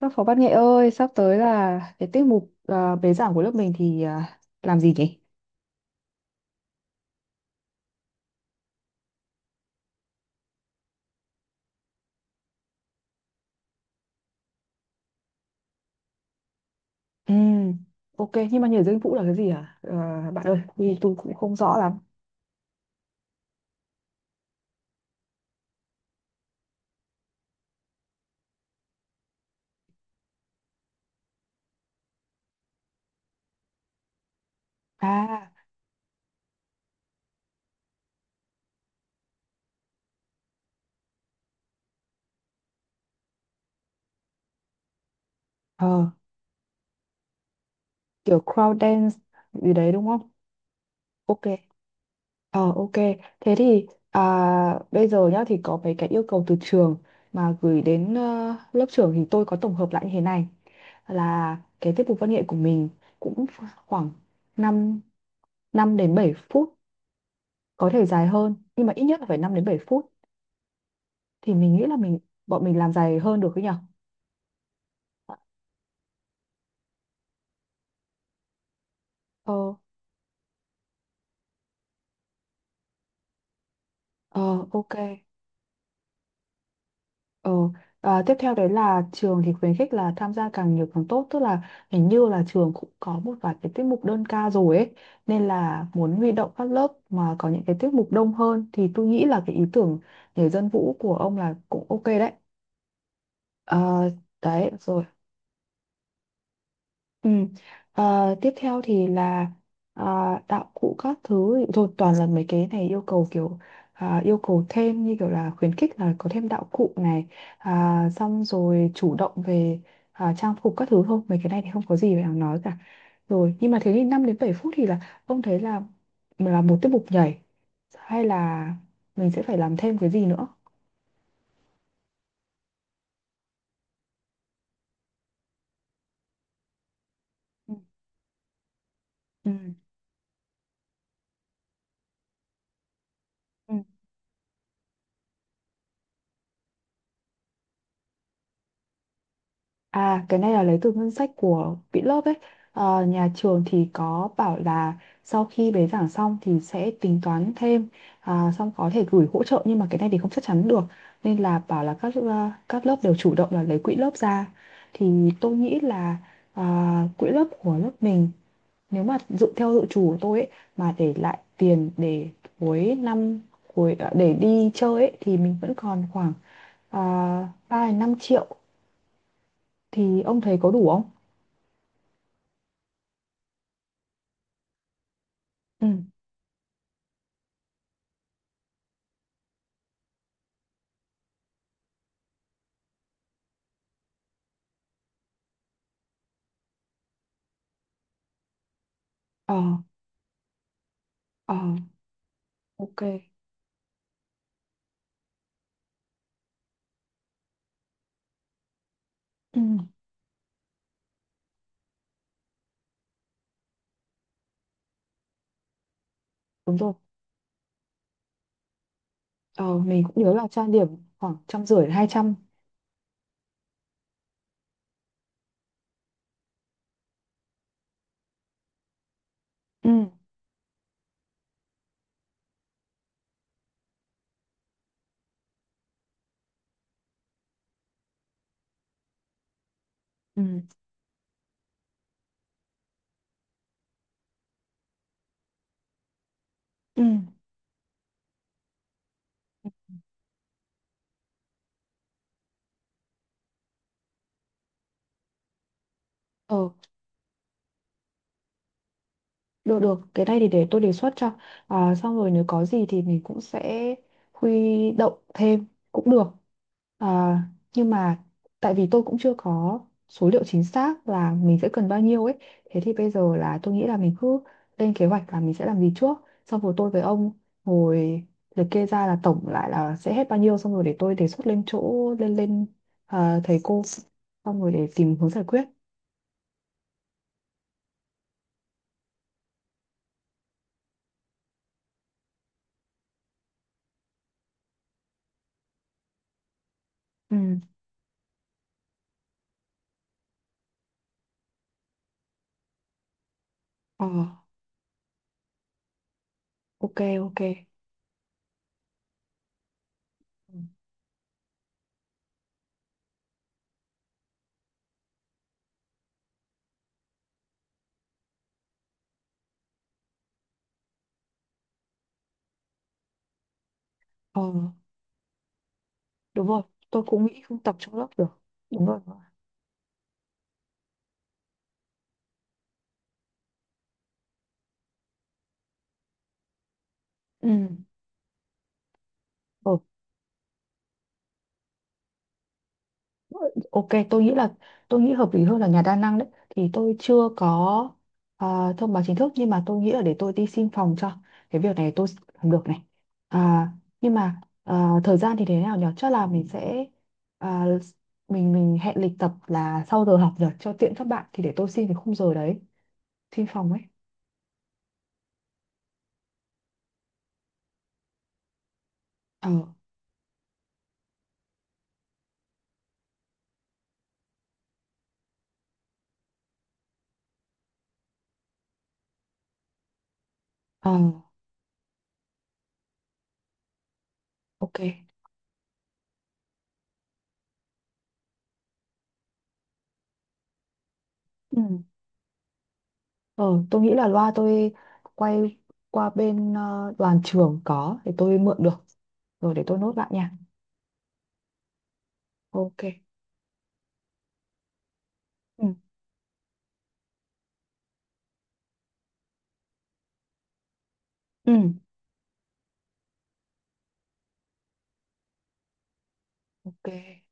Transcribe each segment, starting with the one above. Các phó văn nghệ ơi, sắp tới là cái tiết mục bế giảng của lớp mình thì làm gì nhỉ? Ừ, ok, nhưng mà nhảy dây vũ là cái gì hả? Ờ, Bạn ơi, vì tôi cũng không rõ lắm. À, ờ, Kiểu crowd dance gì đấy đúng không? Ok. Ờ, ok. Thế thì bây giờ nhá, thì có mấy cái yêu cầu từ trường mà gửi đến lớp trưởng, thì tôi có tổng hợp lại như thế này là cái tiết mục văn nghệ của mình cũng khoảng năm năm đến 7 phút, có thể dài hơn nhưng mà ít nhất là phải 5 đến 7 phút. Thì mình nghĩ là bọn mình làm dài hơn được cái nhở. ờ ờ ok. ờ Tiếp theo đấy là trường thì khuyến khích là tham gia càng nhiều càng tốt, tức là hình như là trường cũng có một vài cái tiết mục đơn ca rồi ấy, nên là muốn huy động các lớp mà có những cái tiết mục đông hơn. Thì tôi nghĩ là cái ý tưởng nhảy dân vũ của ông là cũng ok đấy. Ờ, Đấy rồi. Ừ. Ờ, Tiếp theo thì là ờ, đạo cụ các thứ thì thôi, toàn là mấy cái này yêu cầu kiểu yêu cầu thêm như kiểu là khuyến khích là có thêm đạo cụ này, xong rồi chủ động về trang phục các thứ. Thôi mấy cái này thì không có gì phải đáng nói cả. Rồi nhưng mà thế thì 5 đến 7 phút thì là ông thấy là một tiết mục nhảy hay là mình sẽ phải làm thêm cái gì nữa? Ừ. Ừ. À, cái này là lấy từ ngân sách của quỹ lớp ấy. Ờ, nhà trường thì có bảo là sau khi bế giảng xong thì sẽ tính toán thêm, xong có thể gửi hỗ trợ, nhưng mà cái này thì không chắc chắn được. Nên là bảo là các các lớp đều chủ động là lấy quỹ lớp ra. Thì tôi nghĩ là quỹ lớp của lớp mình, nếu mà dự theo dự trù của tôi ấy, mà để lại tiền để cuối năm, để đi chơi ấy, thì mình vẫn còn khoảng 3 đến 5 triệu. Thì ông thấy có đủ không? Ừ. ờ, ờ, ok. Ừ, đúng rồi. Ờ, mình cũng nhớ là trang điểm khoảng trăm rưỡi hai trăm. Ừ, ừ, ừ. Ờ, Được được, cái này thì để tôi đề xuất cho. À, xong rồi nếu có gì thì mình cũng sẽ huy động thêm cũng được. À, nhưng mà tại vì tôi cũng chưa có số liệu chính xác là mình sẽ cần bao nhiêu ấy. Thế thì bây giờ là tôi nghĩ là mình cứ lên kế hoạch là mình sẽ làm gì trước. Xong rồi tôi với ông ngồi liệt kê ra là tổng lại là sẽ hết bao nhiêu. Xong rồi để tôi đề xuất lên chỗ lên lên à, thầy cô. Xong rồi để tìm hướng giải quyết. Ừ. Ờ, ok, ok. Ừ. Ờ, đúng rồi, tôi cũng nghĩ không tập trong lớp được. Đúng rồi, đúng. Ừ. Ờ, ok, tôi nghĩ là tôi nghĩ hợp lý hơn là nhà đa năng đấy. Thì tôi chưa có thông báo chính thức, nhưng mà tôi nghĩ là để tôi đi xin phòng cho. Cái việc này tôi làm được này. à, nhưng mà thời gian thì thế nào nhỉ? Chắc là mình sẽ à, mình hẹn lịch tập là sau giờ học rồi cho tiện các bạn. Thì để tôi xin cái khung giờ đấy, xin phòng ấy. ờ ờ ok. Ừ. Ờ, tôi nghĩ là loa tôi quay qua bên đoàn trường có, thì tôi mượn được. Rồi để tôi nốt lại nha. Ok. Ừ. Ừ. Ok.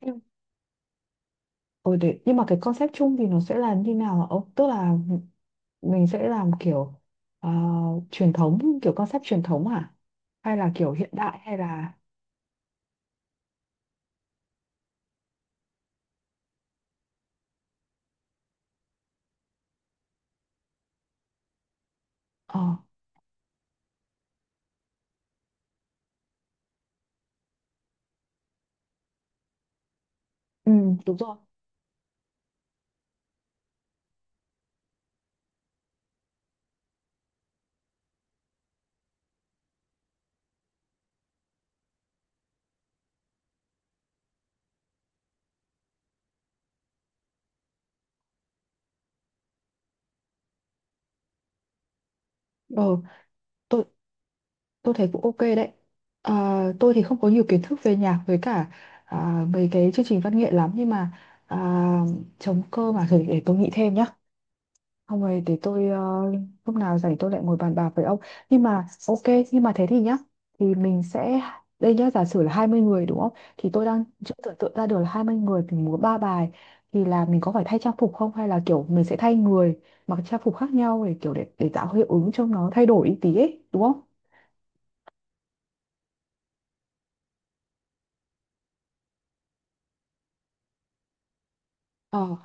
Nhưng- Ừ, để, nhưng mà cái concept chung thì nó sẽ là như nào hả ông? Tức là mình sẽ làm kiểu ờ, truyền thống, kiểu concept truyền thống hả? Hay là kiểu hiện đại hay là ờ ừ, đúng rồi. Ờ. Tôi. Tôi thấy cũng ok đấy. Ờ, tôi thì không có nhiều kiến thức về nhạc với cả mấy cái chương trình văn nghệ lắm, nhưng mà à, chống cơ mà thử, để tôi nghĩ thêm nhá. Không rồi để tôi lúc nào rảnh tôi lại ngồi bàn bạc với ông. Nhưng mà ok, nhưng mà thế thì nhá, thì mình sẽ đây nhá, giả sử là 20 người đúng không, thì tôi đang chưa tưởng tượng ra được là 20 người thì múa 3 bài, thì là mình có phải thay trang phục không, hay là kiểu mình sẽ thay người mặc trang phục khác nhau để kiểu để tạo hiệu ứng cho nó thay đổi ý tí ấy đúng không? Ờ,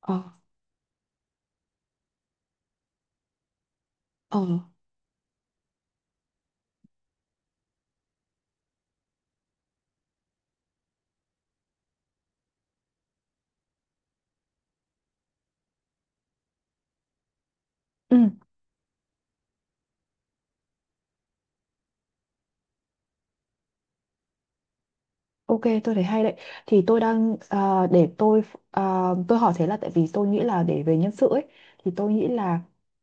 ờ. Ờ, ừ, ok, tôi thấy hay đấy. Thì tôi đang để tôi à, tôi hỏi thế là tại vì tôi nghĩ là để về nhân sự ấy, thì tôi nghĩ là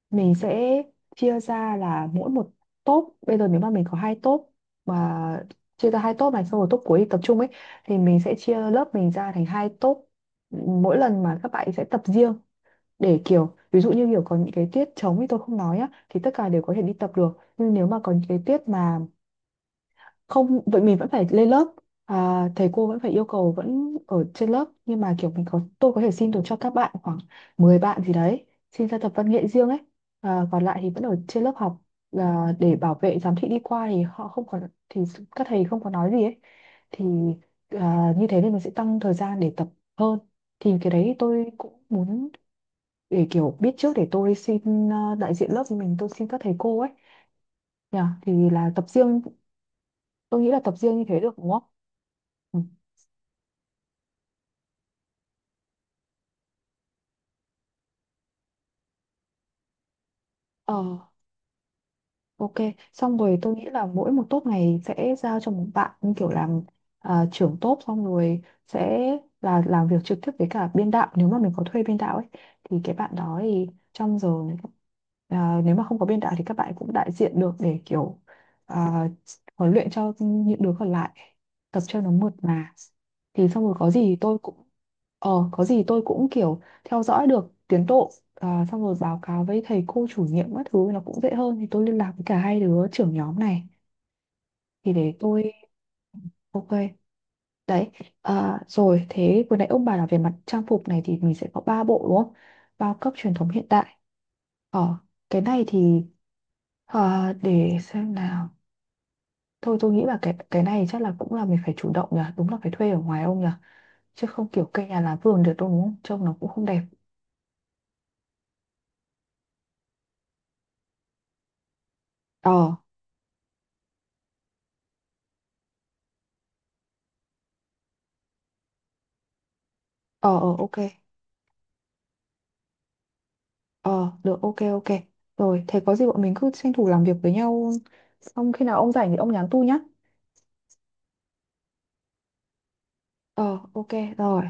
mình sẽ chia ra là mỗi một top. Bây giờ nếu mà mình có 2 top mà chia ra 2 top này, xong rồi top cuối thì tập trung ấy, thì mình sẽ chia lớp mình ra thành 2 top. Mỗi lần mà các bạn sẽ tập riêng, để kiểu ví dụ như kiểu có những cái tiết trống thì tôi không nói á, thì tất cả đều có thể đi tập được. Nhưng nếu mà có những cái tiết mà không vậy mình vẫn phải lên lớp, thầy cô vẫn phải yêu cầu vẫn ở trên lớp, nhưng mà kiểu mình có tôi có thể xin được cho các bạn khoảng 10 bạn gì đấy xin ra tập văn nghệ riêng ấy, còn lại thì vẫn ở trên lớp học. Để bảo vệ giám thị đi qua thì họ không có, thì các thầy không có nói gì ấy. Thì như thế nên mình sẽ tăng thời gian để tập hơn. Thì cái đấy tôi cũng muốn để kiểu biết trước để tôi xin đại diện lớp của mình tôi xin các thầy cô ấy. Nhờ, thì là tập riêng, tôi nghĩ là tập riêng như thế được đúng không? Ừ. Ờ, ok. Xong rồi tôi nghĩ là mỗi một top này sẽ giao cho một bạn như kiểu làm trưởng top, xong rồi sẽ là làm việc trực tiếp với cả biên đạo, nếu mà mình có thuê biên đạo ấy, thì cái bạn đó thì trong giờ nếu mà không có biên đạo thì các bạn cũng đại diện được để kiểu à, huấn luyện cho những đứa còn lại, tập cho nó mượt mà. Thì xong rồi có gì tôi cũng có gì tôi cũng kiểu theo dõi được tiến độ, xong rồi báo cáo với thầy cô chủ nhiệm các thứ nó cũng dễ hơn. Thì tôi liên lạc với cả 2 đứa trưởng nhóm này, thì để tôi ok đấy. Rồi thế vừa nãy ông bà là về mặt trang phục này thì mình sẽ có 3 bộ đúng không, bao cấp truyền thống hiện đại. ờ cái này thì để xem nào, thôi tôi nghĩ là cái này chắc là cũng là mình phải chủ động nhỉ, đúng là phải thuê ở ngoài ông nhỉ, chứ không kiểu cây nhà lá vườn được đâu đúng không, trông nó cũng không đẹp. ờ ờ ok. Ờ, được, ok, ok. Rồi, thế có gì bọn mình cứ tranh thủ làm việc với nhau. Xong khi nào ông rảnh thì ông nhắn tu nhá. Ờ, ok, rồi.